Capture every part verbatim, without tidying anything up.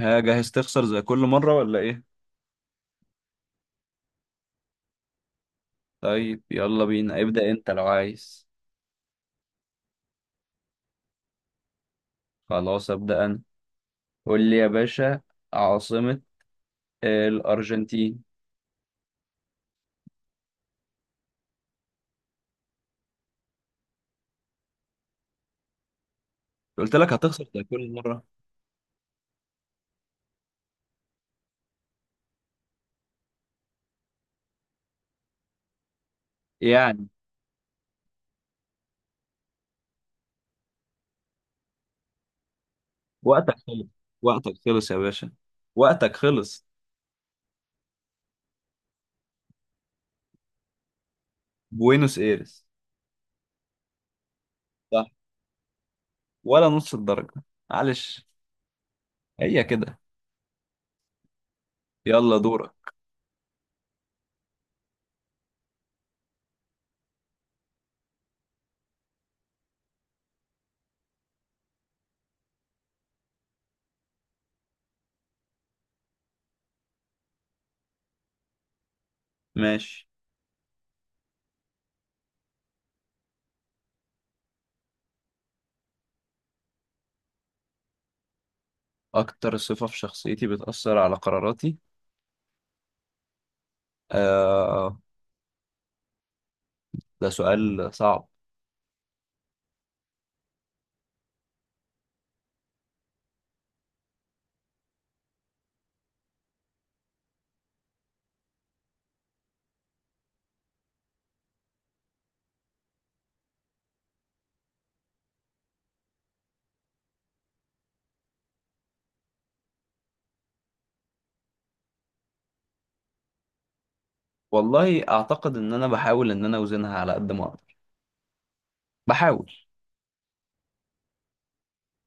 ها جاهز تخسر زي كل مرة ولا ايه؟ طيب يلا بينا ابدأ انت لو عايز. خلاص ابدأ انا. قول لي يا باشا. عاصمة الأرجنتين. قلت لك هتخسر زي كل مرة. يعني. وقتك خلص. وقتك خلص يا باشا. وقتك خلص. بوينوس ايرس. صح. ولا نص الدرجة، معلش. هي كده. يلا دورك. ماشي. أكتر صفة في شخصيتي بتأثر على قراراتي. آه ده سؤال صعب. والله اعتقد ان انا بحاول ان انا اوزنها على قد ما اقدر، بحاول.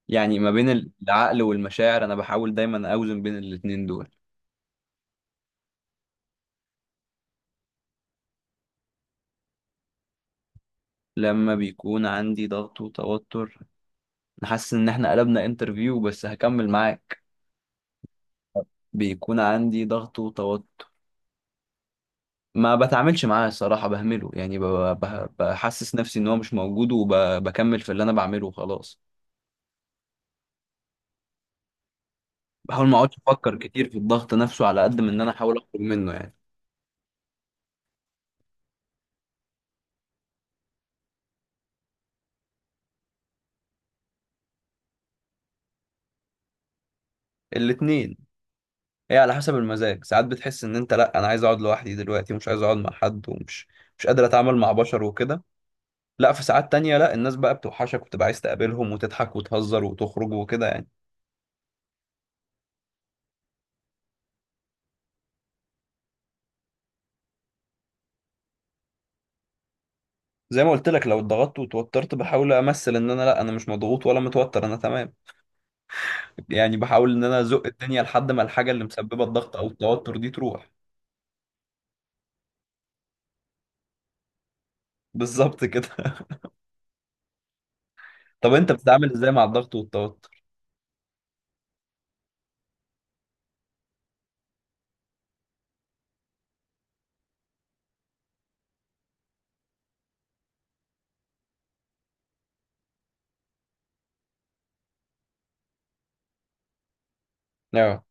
يعني ما بين العقل والمشاعر انا بحاول دايما اوزن بين الاتنين دول. لما بيكون عندي ضغط وتوتر، حاسس ان احنا قلبنا انترفيو، بس هكمل معاك. بيكون عندي ضغط وتوتر، ما بتعاملش معاه الصراحة، بهمله يعني، ب- ب- بحسس نفسي ان هو مش موجود وبكمل في اللي انا بعمله وخلاص. بحاول ما اقعدش افكر كتير في الضغط نفسه على قد ما ان انا احاول اخرج منه يعني. الاتنين. هي على حسب المزاج، ساعات بتحس ان انت، لا انا عايز اقعد لوحدي دلوقتي ومش عايز اقعد مع حد ومش مش قادر اتعامل مع بشر وكده. لا، في ساعات تانية لا، الناس بقى بتوحشك وتبقى عايز تقابلهم وتضحك وتهزر وتخرج وكده يعني. زي ما قلت لك، لو اتضغطت وتوترت بحاول امثل ان انا، لا انا مش مضغوط ولا متوتر، انا تمام يعني. بحاول ان انا ازق الدنيا لحد ما الحاجة اللي مسببة الضغط او التوتر دي تروح. بالظبط كده. طب انت بتتعامل ازاي مع الضغط والتوتر؟ اه.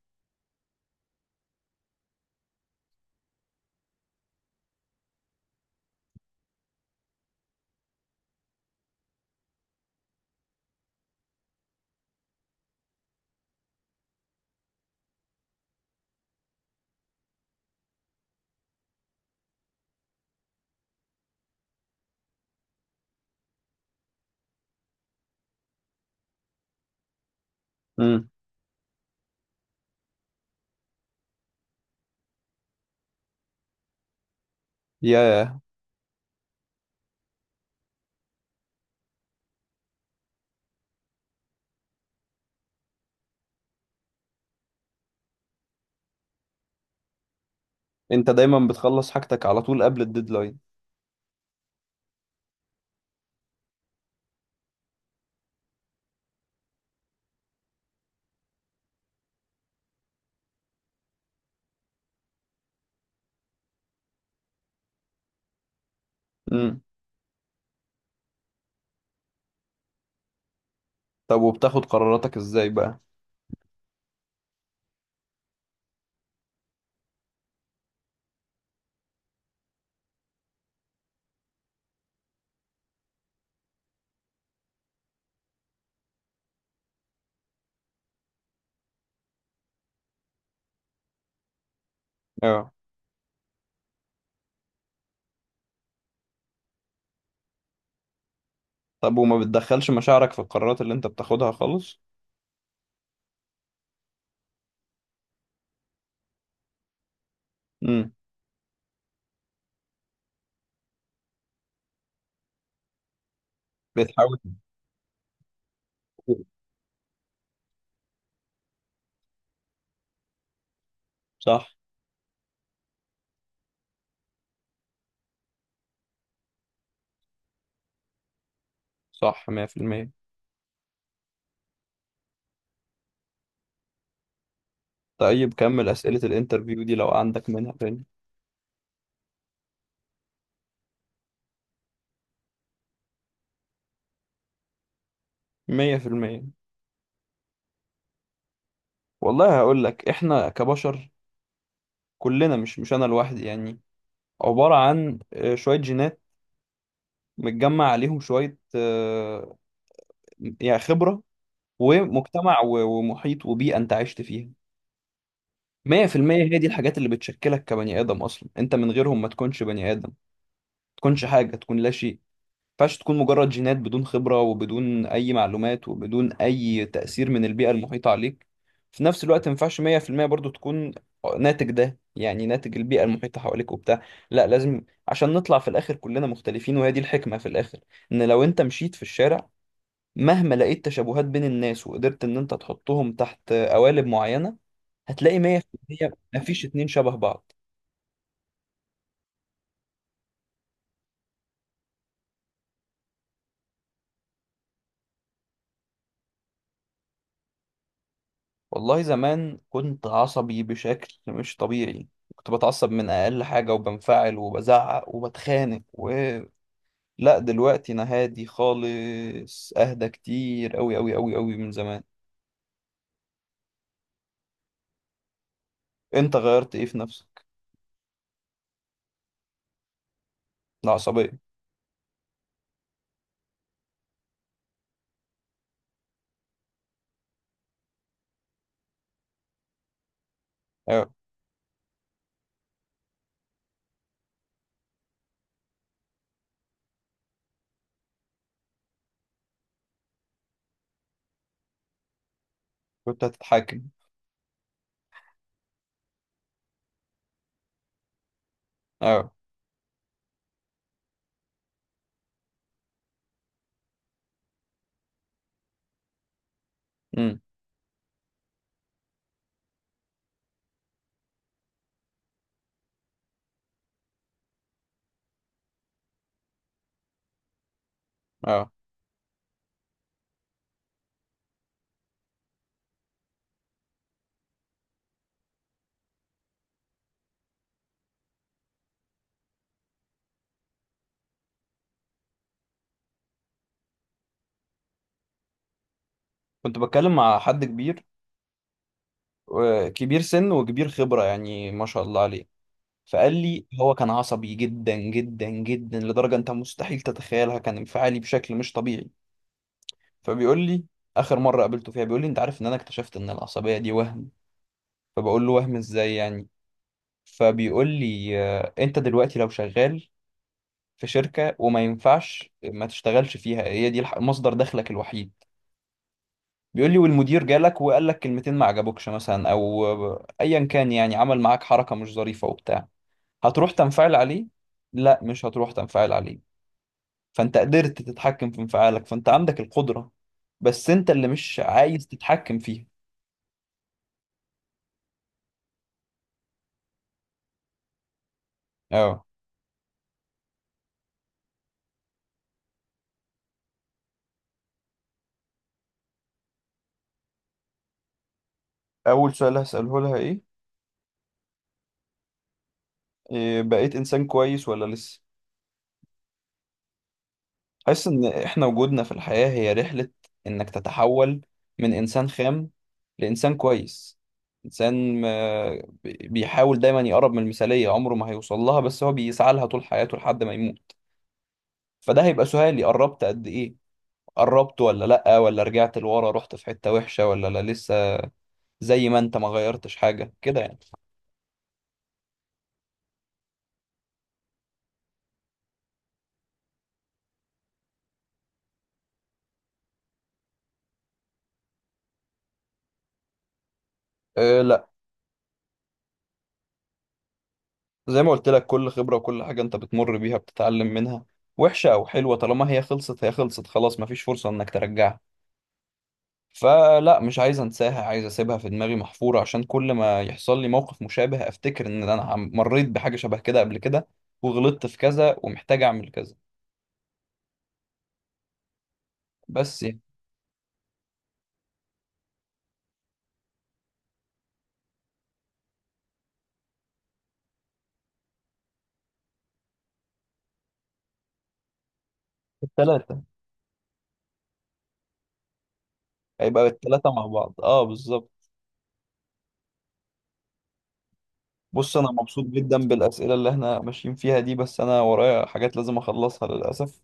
امم. يا. انت دايما بتخلص حاجتك على طول قبل الديدلاين. طب وبتاخد قراراتك ازاي بقى؟ اه. طب وما بتدخلش مشاعرك في القرارات اللي انت بتاخدها خالص؟ امم. بتحاول تفكر. صح. صح مية في المية. طيب كمل أسئلة الانترفيو دي لو عندك منها تاني. مية في المية. والله هقول لك، احنا كبشر كلنا، مش مش انا لوحدي يعني، عبارة عن آه، شوية جينات متجمع عليهم شوية، آه، يعني خبرة ومجتمع و- ومحيط وبيئة انت عشت فيها. مية في المية هي دي الحاجات اللي بتشكلك كبني آدم، أصلا أنت من غيرهم ما تكونش بني آدم، ما تكونش حاجة، تكون لا شيء. ما ينفعش تكون مجرد جينات بدون خبرة وبدون أي معلومات وبدون أي تأثير من البيئة المحيطة عليك. في نفس الوقت ما ينفعش مية في المية برضو تكون ناتج، ده يعني ناتج البيئة المحيطة حواليك وبتاع، لا لازم، عشان نطلع في الآخر كلنا مختلفين، وهي دي الحكمة في الآخر. إن لو أنت مشيت في الشارع، مهما لقيت تشابهات بين الناس وقدرت ان انت تحطهم تحت قوالب معينة، هتلاقي مية في المية مفيش اتنين شبه بعض. والله زمان كنت عصبي بشكل مش طبيعي، كنت بتعصب من اقل حاجة وبنفعل وبزعق وبتخانق. و... لا دلوقتي انا هادي خالص، اهدى كتير قوي قوي قوي قوي من زمان. انت غيرت ايه في نفسك؟ العصبية. اه. كنت هتتحاكم. اه. امم. اه. كنت بتكلم مع حد كبير، و- كبير سن وكبير خبرة يعني، ما شاء الله عليه. فقال لي هو كان عصبي جدا جدا جدا لدرجة انت مستحيل تتخيلها، كان انفعالي بشكل مش طبيعي. فبيقول لي، اخر مرة قابلته فيها، بيقول لي انت عارف ان انا اكتشفت ان العصبية دي وهم. فبقول له وهم ازاي يعني؟ فبيقول لي، آه، انت دلوقتي لو شغال في شركة وما ينفعش ما تشتغلش فيها، هي دي الح- مصدر دخلك الوحيد، بيقول لي، والمدير جالك وقال لك كلمتين ما عجبوكش مثلا، او آه، ايا كان يعني، عمل معاك حركة مش ظريفة وبتاع، هتروح تنفعل عليه؟ لا مش هتروح تنفعل عليه. فانت قدرت تتحكم في انفعالك، فانت عندك القدرة، بس انت اللي مش عايز تتحكم فيها. اه. اول سؤال هسأله لها ايه. إيه، بقيت انسان كويس ولا لسه؟ حاسس ان احنا وجودنا في الحياة هي رحلة، انك تتحول من انسان خام لانسان كويس، انسان آه، بي- بيحاول دايما يقرب من المثالية، عمره ما هيوصل لها بس هو بيسعى لها طول حياته لحد ما يموت. فده هيبقى سؤالي، قربت قد ايه؟ قربت ولا لأ، ولا رجعت لورا، رحت في حتة وحشة، ولا لا لسه زي ما انت ما غيرتش حاجة كده يعني. أه لا، زي ما قلت لك، كل خبرة وكل حاجة انت بتمر بيها بتتعلم منها، وحشة او حلوة، طالما هي خلصت هي خلصت خلاص، مفيش فرصة انك ترجعها. فلا مش عايز انساها، عايز اسيبها في دماغي محفورة، عشان كل ما يحصل لي موقف مشابه افتكر ان انا عم- مريت بحاجة شبه كده قبل كده، وغلطت في كذا ومحتاج اعمل كذا، بس يعني. التلاتة. هيبقى التلاتة مع بعض، اه بالظبط. بص انا مبسوط جدا بالاسئله اللي احنا ماشيين فيها دي، بس انا ورايا حاجات لازم اخلصها للاسف،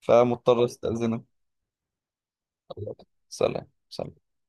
فمضطر استاذنك. سلام سلام.